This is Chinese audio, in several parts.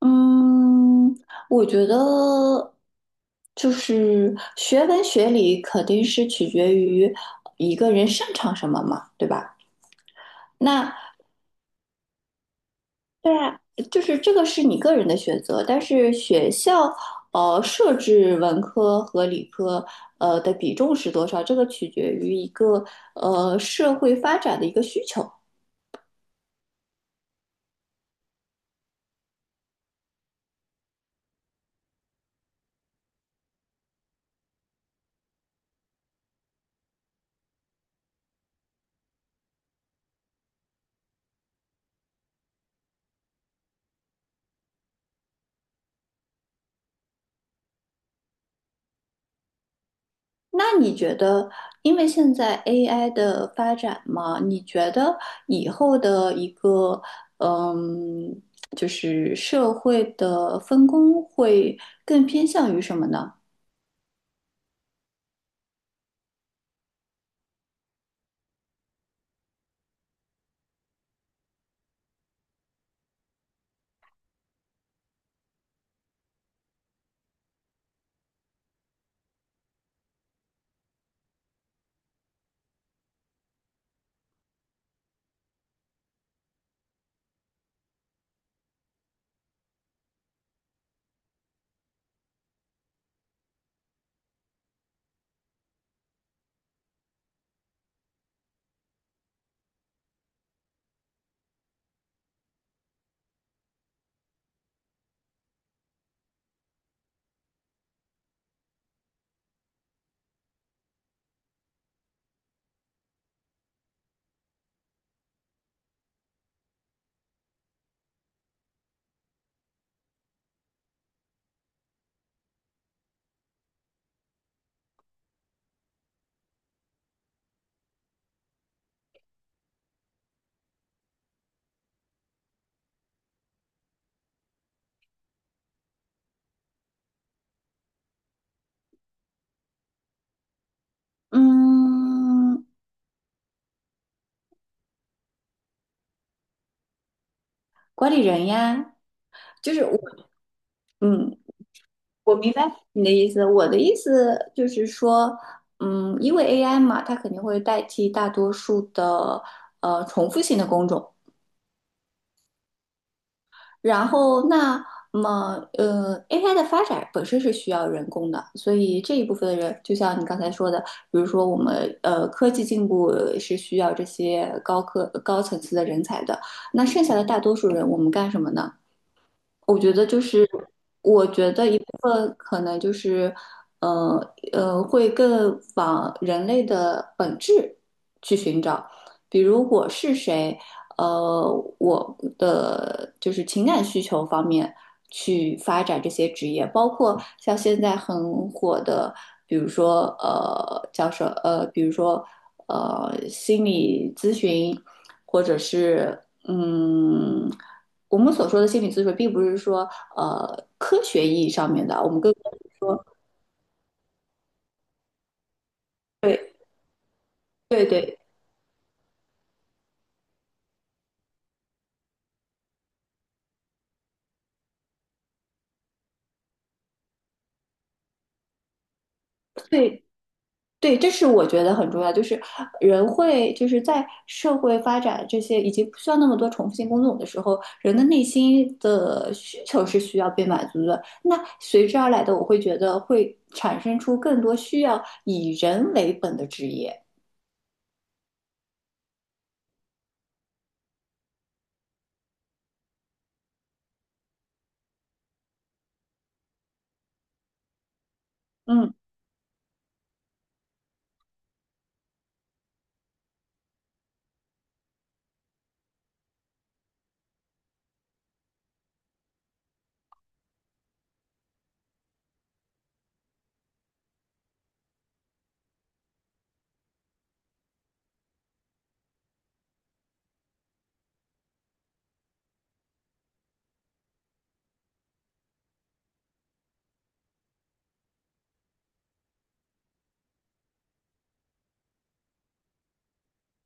嗯，我觉得就是学文学理肯定是取决于一个人擅长什么嘛，对吧？那对啊，就是这个是你个人的选择，但是学校设置文科和理科的比重是多少，这个取决于一个社会发展的一个需求。那你觉得，因为现在 AI 的发展嘛，你觉得以后的一个，嗯，就是社会的分工会更偏向于什么呢？嗯，管理人呀，就是我，嗯，我明白你的意思。我的意思就是说，因为 AI 嘛，它肯定会代替大多数的重复性的工种。然后AI 的发展本身是需要人工的，所以这一部分的人，就像你刚才说的，比如说我们科技进步是需要这些高科高层次的人才的，那剩下的大多数人，我们干什么呢？我觉得就是，我觉得一部分可能就是，呃会更往人类的本质去寻找，比如我是谁，呃，我的就是情感需求方面去发展这些职业，包括像现在很火的，比如说呃叫什呃，比如说心理咨询，或者是嗯。我们所说的心理咨询，并不是说科学意义上面的，我们更对对对对对，这是我觉得很重要，就是人会就是在社会发展这些以及不需要那么多重复性工作的时候，人的内心的需求是需要被满足的。那随之而来的，我会觉得会产生出更多需要以人为本的职业。嗯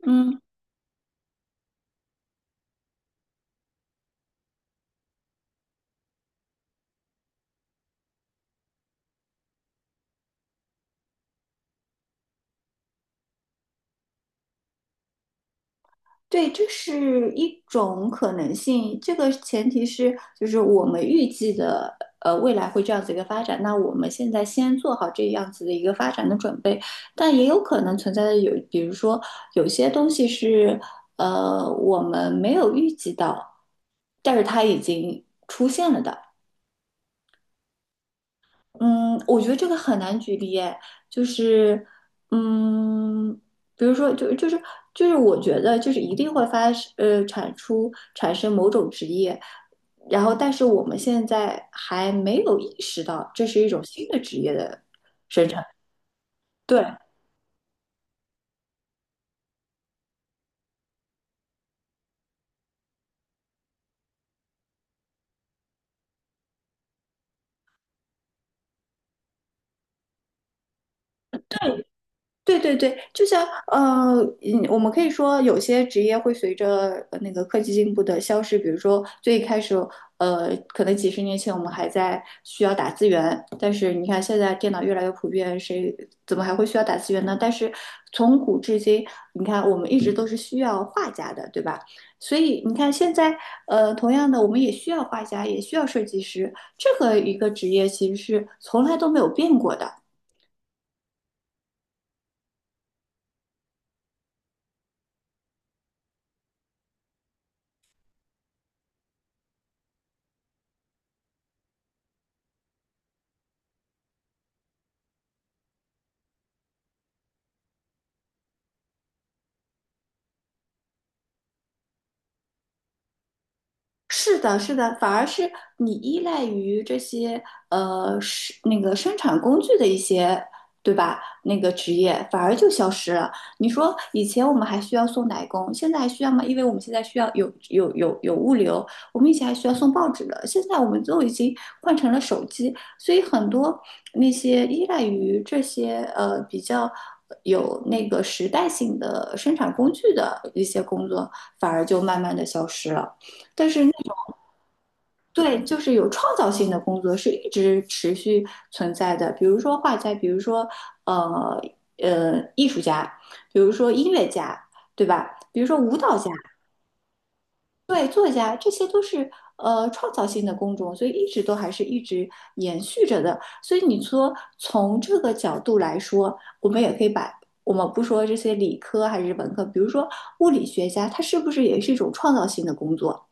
嗯。对，这是一种可能性。这个前提是，就是我们预计的，未来会这样子一个发展。那我们现在先做好这样子的一个发展的准备，但也有可能存在的有，比如说有些东西是，我们没有预计到，但是它已经出现了的。嗯，我觉得这个很难举例诶，就是，嗯，比如说，就是就是，我觉得就是一定产出产生某种职业，然后但是我们现在还没有意识到这是一种新的职业的生成，对，对对对，就像嗯，我们可以说有些职业会随着那个科技进步的消失，比如说最一开始，可能几十年前我们还在需要打字员，但是你看现在电脑越来越普遍，谁怎么还会需要打字员呢？但是从古至今，你看我们一直都是需要画家的，对吧？所以你看现在，同样的，我们也需要画家，也需要设计师，这个一个职业其实是从来都没有变过的。是的，是的，反而是你依赖于这些是那个生产工具的一些，对吧？那个职业反而就消失了。你说以前我们还需要送奶工，现在还需要吗？因为我们现在需要有物流，我们以前还需要送报纸的，现在我们都已经换成了手机，所以很多那些依赖于这些比较有那个时代性的生产工具的一些工作，反而就慢慢的消失了。但是那对，就是有创造性的工作是一直持续存在的，比如说画家，比如说呃艺术家，比如说音乐家，对吧？比如说舞蹈家，对，作家，这些都是创造性的工种，所以一直都还是一直延续着的。所以你说从这个角度来说，我们也可以把我们不说这些理科还是文科，比如说物理学家，他是不是也是一种创造性的工作？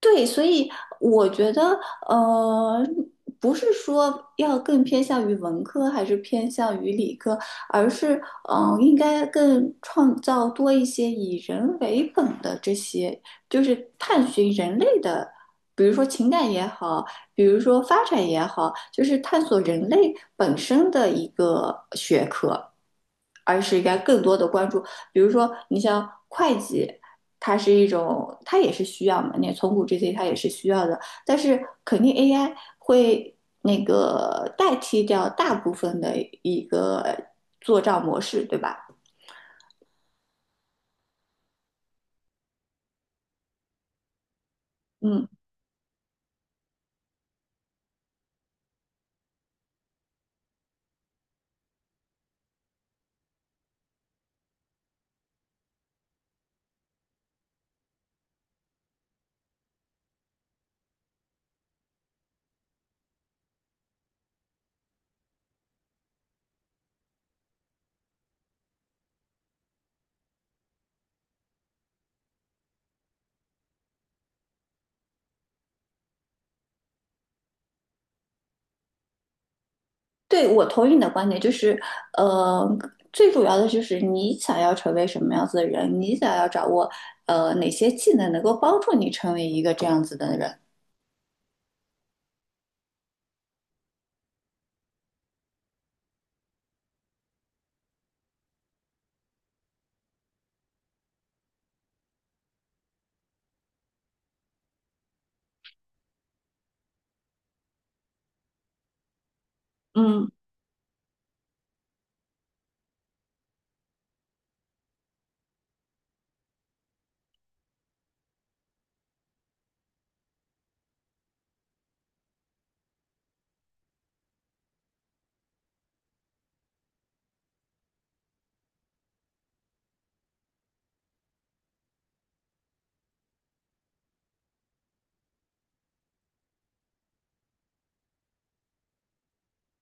对，所以我觉得，呃，不是说要更偏向于文科还是偏向于理科，而是，应该更创造多一些以人为本的这些，就是探寻人类的，比如说情感也好，比如说发展也好，就是探索人类本身的一个学科。而是应该更多的关注，比如说你像会计。它是一种，它也是需要嘛，那从古至今它也是需要的，但是肯定 AI 会那个代替掉大部分的一个做账模式，对吧？嗯，对，我同意你的观点，就是，呃，最主要的就是你想要成为什么样子的人，你想要掌握哪些技能能够帮助你成为一个这样子的人，嗯。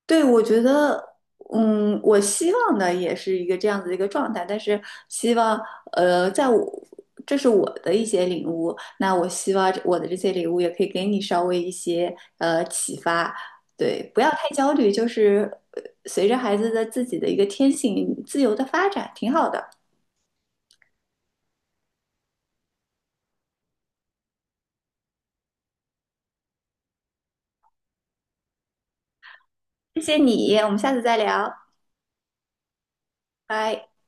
对，我觉得，嗯，我希望的也是一个这样子的一个状态，但是希望，在我，这是我的一些领悟，那我希望我的这些领悟也可以给你稍微一些启发，对，不要太焦虑，就是随着孩子的自己的一个天性自由的发展，挺好的。谢谢你，我们下次再聊，拜。